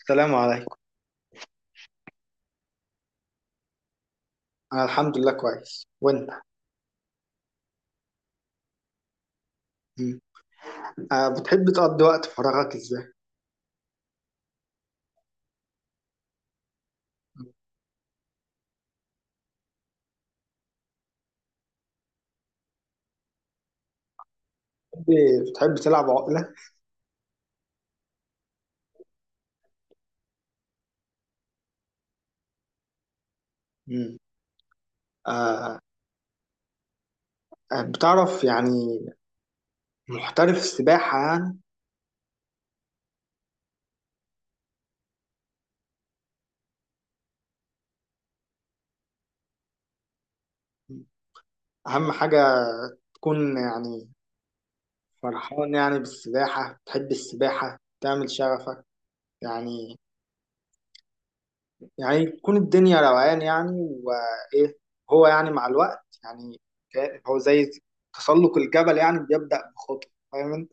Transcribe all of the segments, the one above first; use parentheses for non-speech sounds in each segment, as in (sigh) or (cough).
السلام عليكم. أنا الحمد لله كويس، وأنت؟ مم. آه، بتحب تقضي وقت فراغك إزاي؟ بتحب تلعب عقلة؟ مم. آه، آه، بتعرف يعني محترف السباحة يعني. مم. أهم حاجة تكون يعني فرحان يعني بالسباحة، بتحب السباحة تعمل شغفك يعني، يعني تكون الدنيا روقان يعني وإيه. هو يعني مع الوقت يعني هو زي تسلق الجبل يعني بيبدأ بخطوة، فاهم أنت؟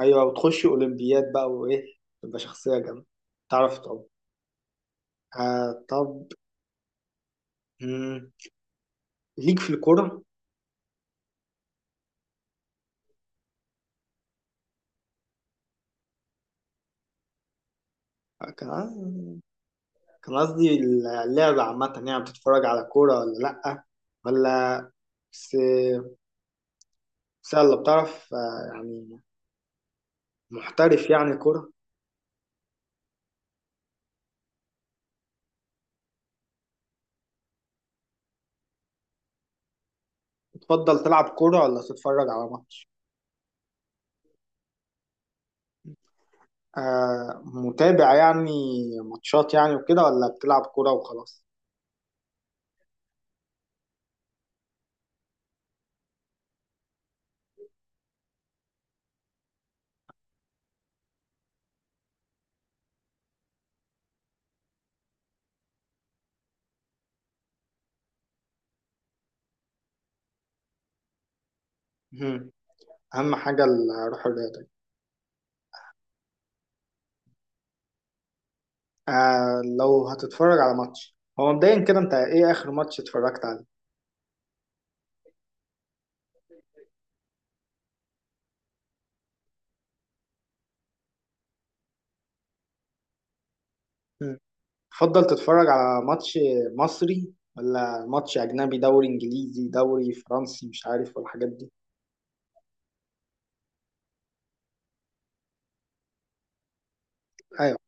ايوه، وتخش اولمبياد بقى وايه، تبقى شخصيه جامده، تعرف طب، آه طب. مم. ليك في الكوره؟ آه، كان كان قصدي اللعبه عامه يعني، بتتفرج على كوره ولا لا، ولا بس بس يلا، بتعرف آه يعني محترف يعني كوره. تفضل تلعب كوره ولا تتفرج على ماتش؟ آه، متابع يعني ماتشات يعني وكده، ولا بتلعب كوره وخلاص؟ مم. اهم حاجه الروح الرياضيه. آه، لو هتتفرج على ماتش، هو مبدئيا كده انت ايه اخر ماتش اتفرجت عليه؟ مم. تفضل تتفرج على ماتش مصري ولا ماتش اجنبي، دوري انجليزي، دوري فرنسي، مش عارف والحاجات دي؟ ايوه.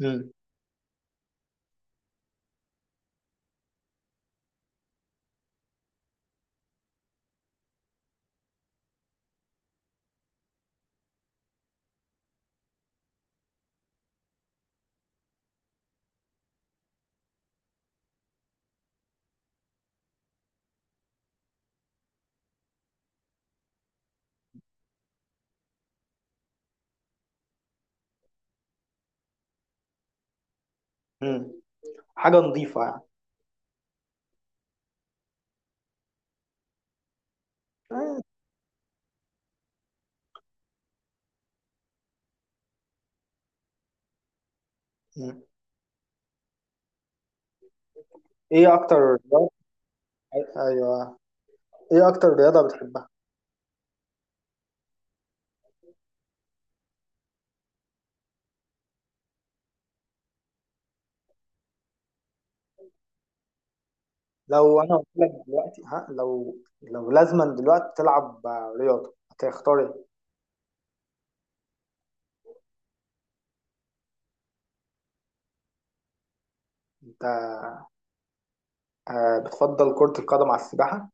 مم. مم. حاجة نظيفة يعني. آه. مم. ايه اكتر رياضة؟ ايوه. ايه اكتر رياضة بتحبها؟ لو انا قلت لك دلوقتي، ها، لو لازما دلوقتي تلعب آه، رياضة، هتختار ايه انت؟ آه، بتفضل كرة القدم على السباحة؟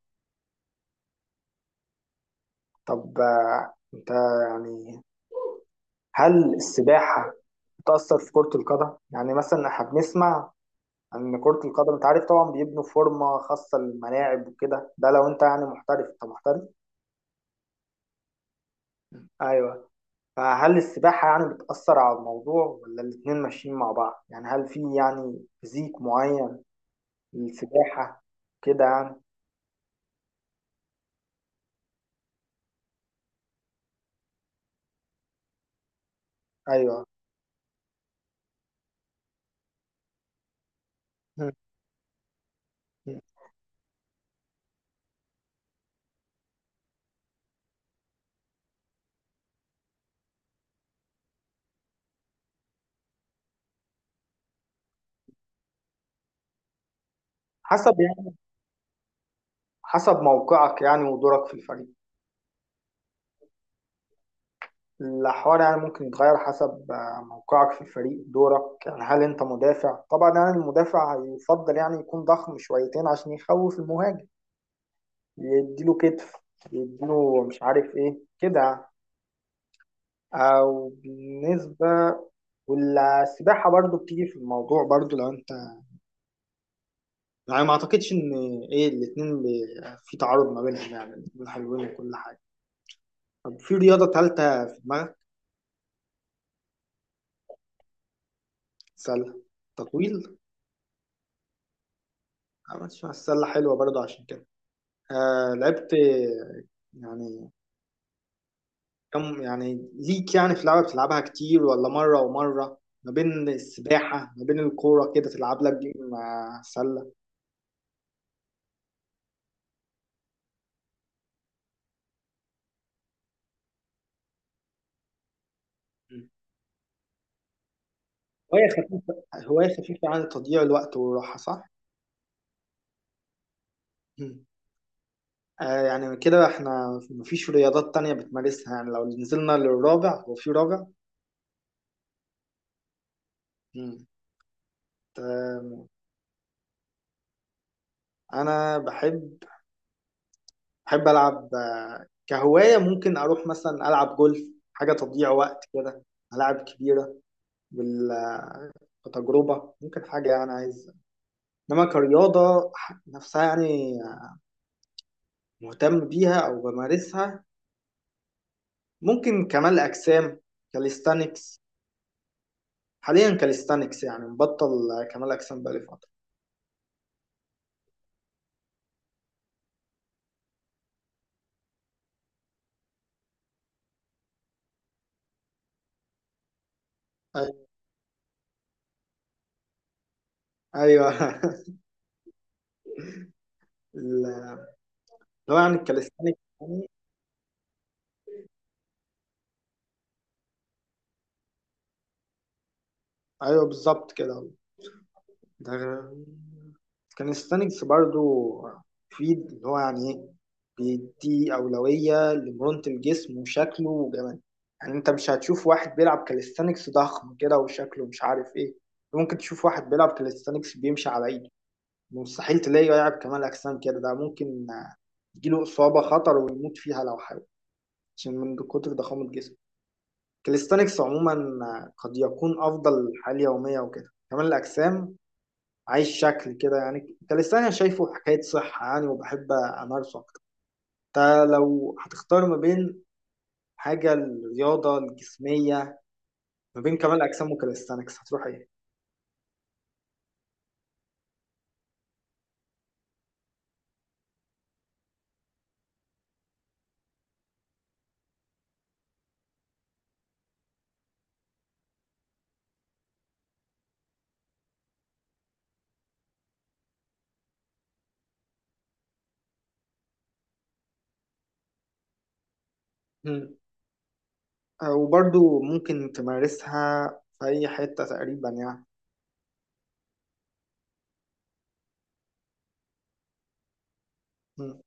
طب آه، انت يعني هل السباحة بتأثر في كرة القدم؟ يعني مثلا احنا بنسمع ان كرة القدم انت عارف طبعا بيبنوا فورمة خاصة للملاعب وكده، ده لو انت يعني محترف، انت محترف؟ ايوه. فهل السباحة يعني بتأثر على الموضوع ولا الاتنين ماشيين مع بعض؟ يعني هل في يعني فيزيك معين للسباحة كده يعني؟ ايوه. م- م. حسب يعني، حسب موقعك يعني ودورك في الفريق، الحوار يعني ممكن يتغير حسب آه، موقعك في الفريق، دورك يعني. هل انت مدافع؟ طبعا يعني المدافع يفضل يعني يكون ضخم شويتين عشان يخوف المهاجم، يديله كتف، يديله مش عارف ايه كده. او بالنسبة والسباحة برضو بتيجي في الموضوع برضو لو انت يعني، ما اعتقدش ان ايه الاتنين في تعارض ما بينهم يعني، الاتنين حلوين وكل حاجة. طب في رياضة تالتة في دماغك؟ سلة، تطويل. عملتش مع السلة حلوة برضو عشان كده. آه، لعبت يعني كم يعني ليك يعني في لعبة بتلعبها كتير ولا مرة ومرة، ما بين السباحة ما بين الكورة كده، تلعب لك جيم مع سلة؟ مم. هواية خفيفة. هواية خفيفة عن تضييع الوقت والراحة، صح؟ مم. آه، يعني كده احنا مفيش رياضات تانية بتمارسها؟ يعني لو نزلنا للرابع، هو في رابع؟ مم. آه، أنا بحب، بحب ألعب آه، كهواية ممكن أروح مثلا ألعب جولف، حاجة تضييع وقت كده، ملاعب كبيرة، بال- كتجربة ممكن حاجة يعني عايز. إنما كرياضة نفسها يعني مهتم بيها أو بمارسها، ممكن كمال أجسام، كاليستانكس. حاليا كاليستانكس يعني مبطل كمال أجسام بقالي فترة. أيوة (laughs) اللي هو يعني الكاليستانكس يعني. أيوة بالظبط كده. ده كان ستانكس برضو، فيد اللي هو يعني ايه، بيدي أولوية لمرونة الجسم وشكله وجماله. يعني انت مش هتشوف واحد بيلعب كاليستانكس ضخم كده وشكله مش عارف ايه. ممكن تشوف واحد بيلعب كاليستانكس بيمشي على ايده، مستحيل تلاقيه يلعب كمال أجسام كده. ده ممكن آه، يجيله إصابة خطر ويموت فيها لو حاول، عشان من كتر ضخامة جسمه. كاليستانكس عموما آه، قد يكون أفضل حال يومية وكده، كمال الأجسام عايش شكل كده يعني. انت لساني شايفه حكاية صحة يعني، وبحب أمارسه أكتر. انت لو هتختار ما بين حاجة الرياضة الجسمية، ما بين كمال أجسام وكاليستانكس، هتروح إيه؟ مم. آه، وبرضو ممكن تمارسها في أي حتة تقريبا يعني. مم.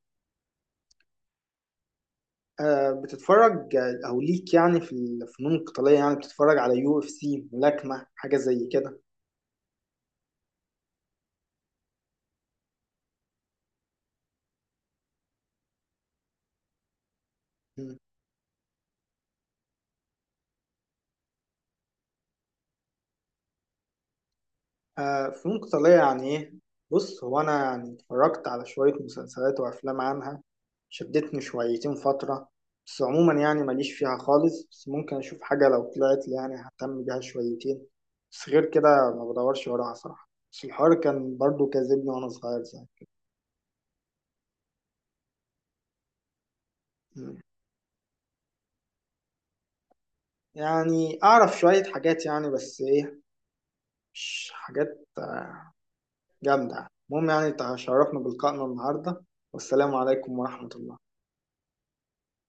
آه، بتتفرج آه، أو ليك يعني في الفنون القتالية يعني، بتتفرج على يو اف سي، ملاكمة، حاجة زي كده؟ مم. آه، فنون قتالية يعني إيه؟ بص هو أنا يعني اتفرجت على شوية مسلسلات وأفلام عنها، شدتني شويتين فترة، بس عموما يعني ماليش فيها خالص، بس ممكن أشوف حاجة لو طلعت لي يعني ههتم بيها شويتين، بس غير كده ما بدورش وراها صراحة. بس الحوار كان برضو كاذبني وأنا صغير زي. مم. يعني أعرف شوية حاجات يعني، بس إيه، مش حاجات جامدة. المهم يعني تشرفنا بلقائنا النهاردة، والسلام عليكم ورحمة الله.